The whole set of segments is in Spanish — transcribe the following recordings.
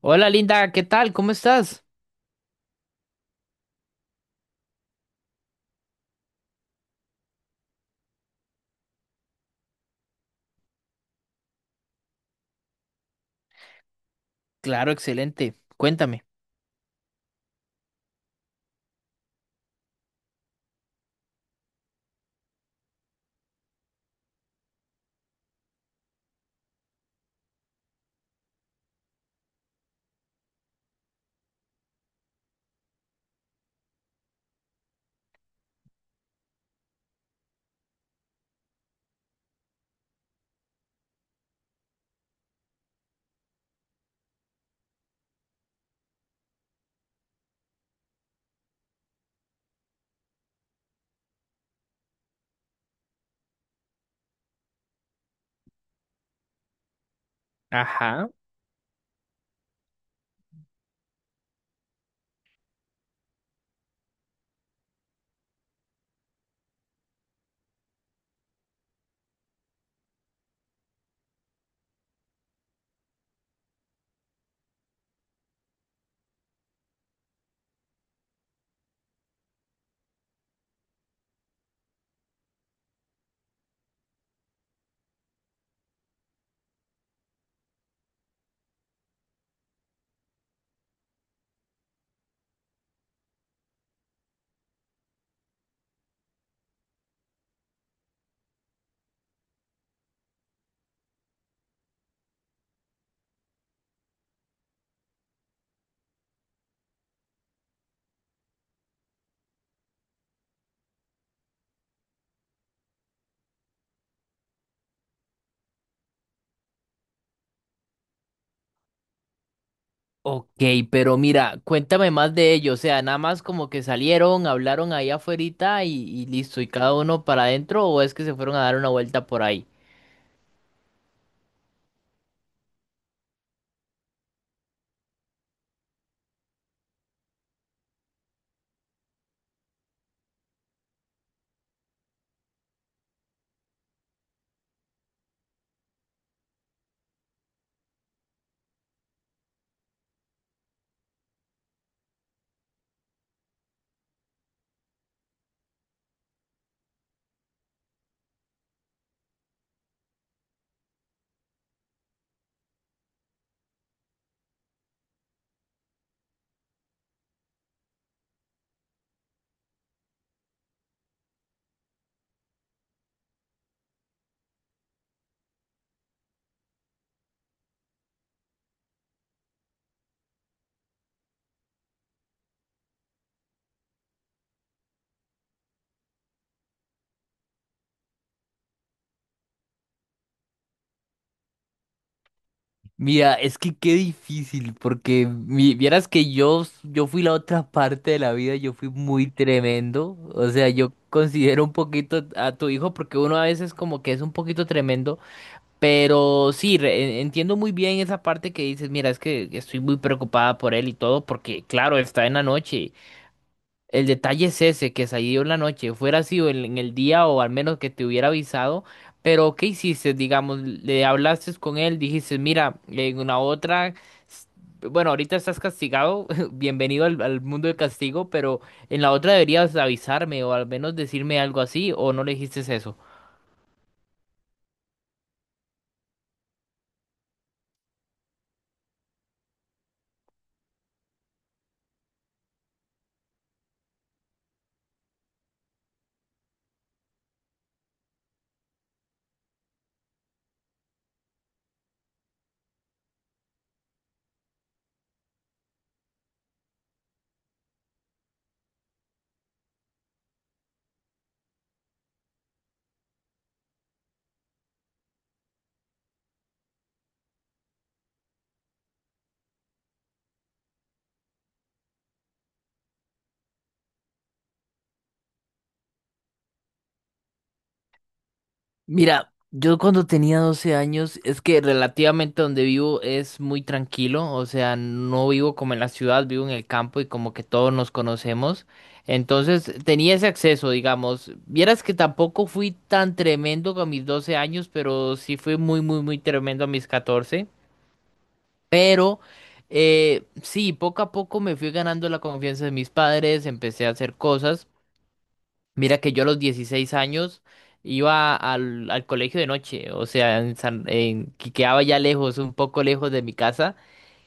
Hola Linda, ¿qué tal? ¿Cómo estás? Claro, excelente. Cuéntame. Ajá. Ok, pero mira, cuéntame más de ello. O sea, nada más como que salieron, hablaron ahí afuerita y listo, y cada uno para adentro, o es que se fueron a dar una vuelta por ahí. Mira, es que qué difícil, porque vieras que yo fui la otra parte de la vida, yo fui muy tremendo. O sea, yo considero un poquito a tu hijo, porque uno a veces como que es un poquito tremendo. Pero sí, entiendo muy bien esa parte que dices, mira, es que estoy muy preocupada por él y todo, porque claro, está en la noche. El detalle es ese, que salió en la noche, fuera sido en el día o al menos que te hubiera avisado, pero ¿qué hiciste? Digamos, le hablaste con él, dijiste, mira, en una otra, s- bueno, ahorita estás castigado, bienvenido al mundo del castigo, pero en la otra deberías avisarme o al menos decirme algo así, o no le dijiste eso. Mira, yo cuando tenía 12 años, es que relativamente donde vivo es muy tranquilo, o sea, no vivo como en la ciudad, vivo en el campo y como que todos nos conocemos. Entonces tenía ese acceso, digamos. Vieras que tampoco fui tan tremendo con mis 12 años, pero sí fui muy, muy, muy tremendo a mis 14. Pero sí, poco a poco me fui ganando la confianza de mis padres, empecé a hacer cosas. Mira que yo a los 16 años iba al colegio de noche, o sea, en que quedaba ya lejos, un poco lejos de mi casa.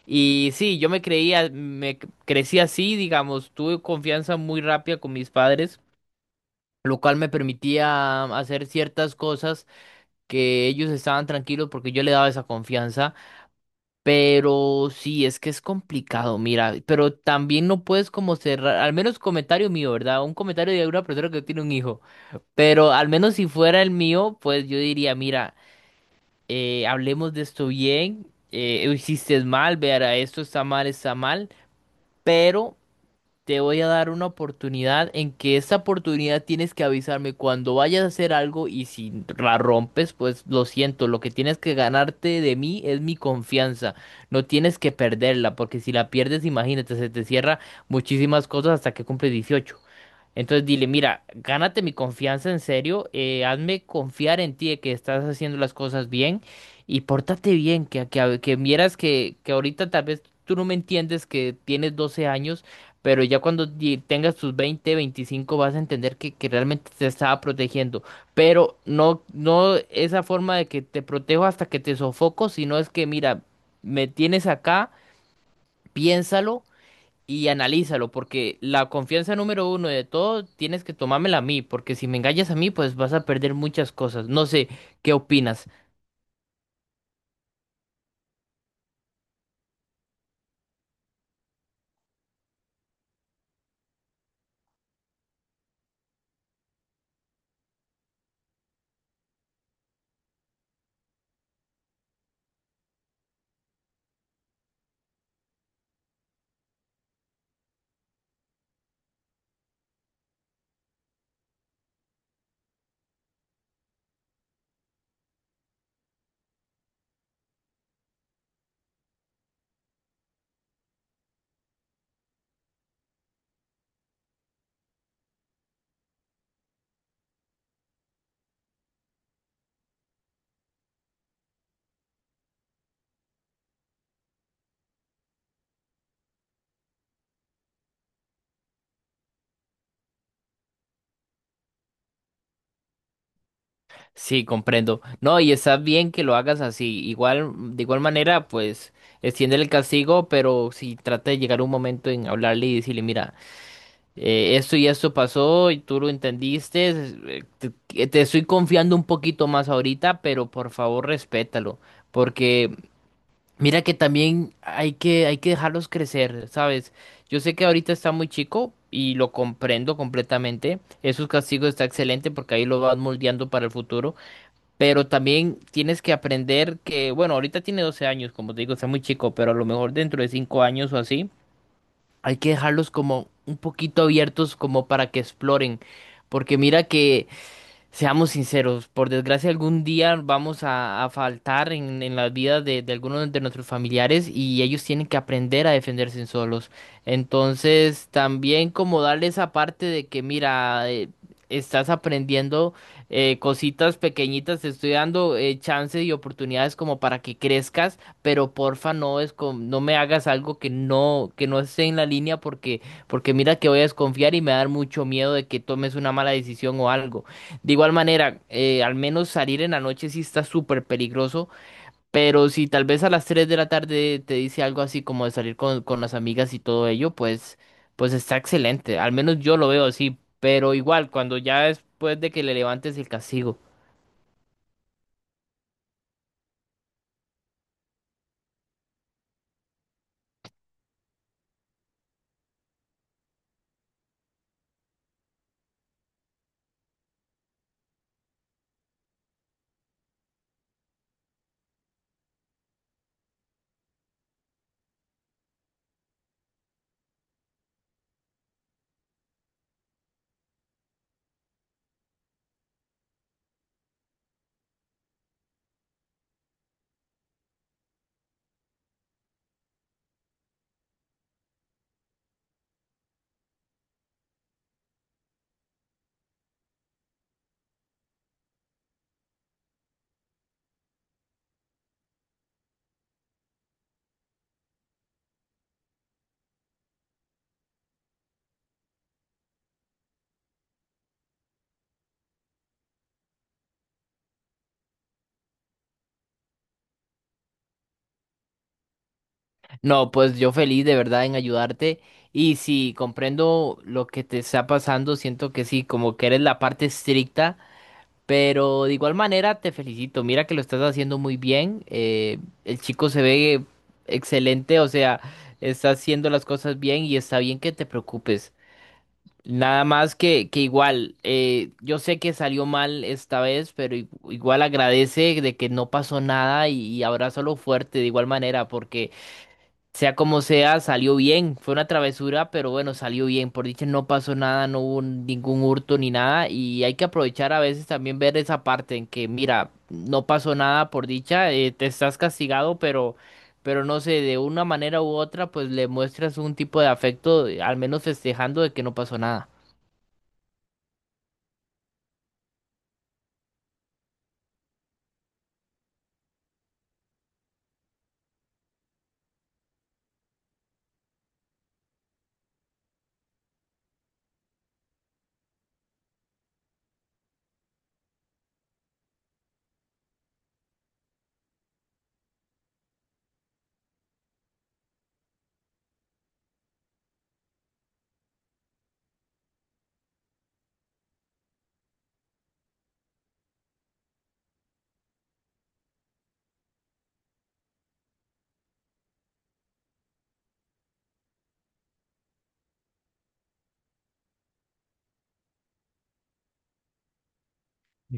Y sí, yo me creía, crecí así, digamos, tuve confianza muy rápida con mis padres, lo cual me permitía hacer ciertas cosas que ellos estaban tranquilos porque yo le daba esa confianza. Pero sí, es que es complicado, mira, pero también no puedes como cerrar, al menos comentario mío, ¿verdad? Un comentario de una persona que tiene un hijo. Pero al menos si fuera el mío, pues yo diría, mira, hablemos de esto bien, hiciste mal, verá, esto está mal, pero te voy a dar una oportunidad en que esa oportunidad tienes que avisarme cuando vayas a hacer algo y si la rompes, pues lo siento, lo que tienes que ganarte de mí es mi confianza, no tienes que perderla, porque si la pierdes, imagínate, se te cierra muchísimas cosas hasta que cumples 18. Entonces dile, mira, gánate mi confianza en serio, hazme confiar en ti de que estás haciendo las cosas bien y pórtate bien, que vieras que ahorita tal vez tú no me entiendes que tienes 12 años, pero ya cuando tengas tus 20, 25 vas a entender que realmente te estaba protegiendo, pero no, no esa forma de que te protejo hasta que te sofoco, sino es que mira, me tienes acá, piénsalo y analízalo, porque la confianza número uno de todo tienes que tomármela a mí, porque si me engañas a mí, pues vas a perder muchas cosas. No sé, ¿qué opinas? Sí, comprendo. No, y está bien que lo hagas así. Igual, de igual manera, pues extiende el castigo, pero si trata de llegar un momento en hablarle y decirle, mira, esto y esto pasó y tú lo entendiste, te estoy confiando un poquito más ahorita, pero por favor respétalo, porque mira que también hay que dejarlos crecer, ¿sabes? Yo sé que ahorita está muy chico y lo comprendo completamente. Esos castigos está excelente porque ahí lo vas moldeando para el futuro. Pero también tienes que aprender que, bueno, ahorita tiene 12 años, como te digo, está muy chico, pero a lo mejor dentro de 5 años o así, hay que dejarlos como un poquito abiertos como para que exploren. Porque mira que seamos sinceros, por desgracia algún día vamos a faltar en las vidas de algunos de nuestros familiares y ellos tienen que aprender a defenderse solos. Entonces, también como darle esa parte de que, mira, estás aprendiendo cositas pequeñitas, te estoy dando chances y oportunidades como para que crezcas, pero porfa no me hagas algo que no esté en la línea porque, porque mira que voy a desconfiar y me va a dar mucho miedo de que tomes una mala decisión o algo. De igual manera, al menos salir en la noche sí está súper peligroso, pero si tal vez a las 3 de la tarde te dice algo así como de salir con las amigas y todo ello, pues, pues está excelente. Al menos yo lo veo así, pero igual, cuando ya después de que le levantes el castigo. No, pues yo feliz de verdad en ayudarte y si comprendo lo que te está pasando, siento que sí, como que eres la parte estricta. Pero de igual manera te felicito, mira que lo estás haciendo muy bien, el chico se ve excelente, o sea, está haciendo las cosas bien y está bien que te preocupes. Nada más que igual, yo sé que salió mal esta vez, pero igual agradece de que no pasó nada y abrázalo fuerte de igual manera, porque sea como sea, salió bien. Fue una travesura, pero bueno, salió bien. Por dicha no pasó nada, no hubo ningún hurto ni nada. Y hay que aprovechar a veces también ver esa parte en que, mira, no pasó nada por dicha, te estás castigado, pero no sé, de una manera u otra, pues le muestras un tipo de afecto, al menos festejando de que no pasó nada.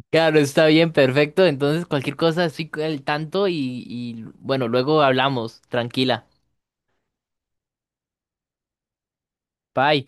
Claro, está bien, perfecto. Entonces, cualquier cosa, estoy al tanto y bueno, luego hablamos. Tranquila. Bye.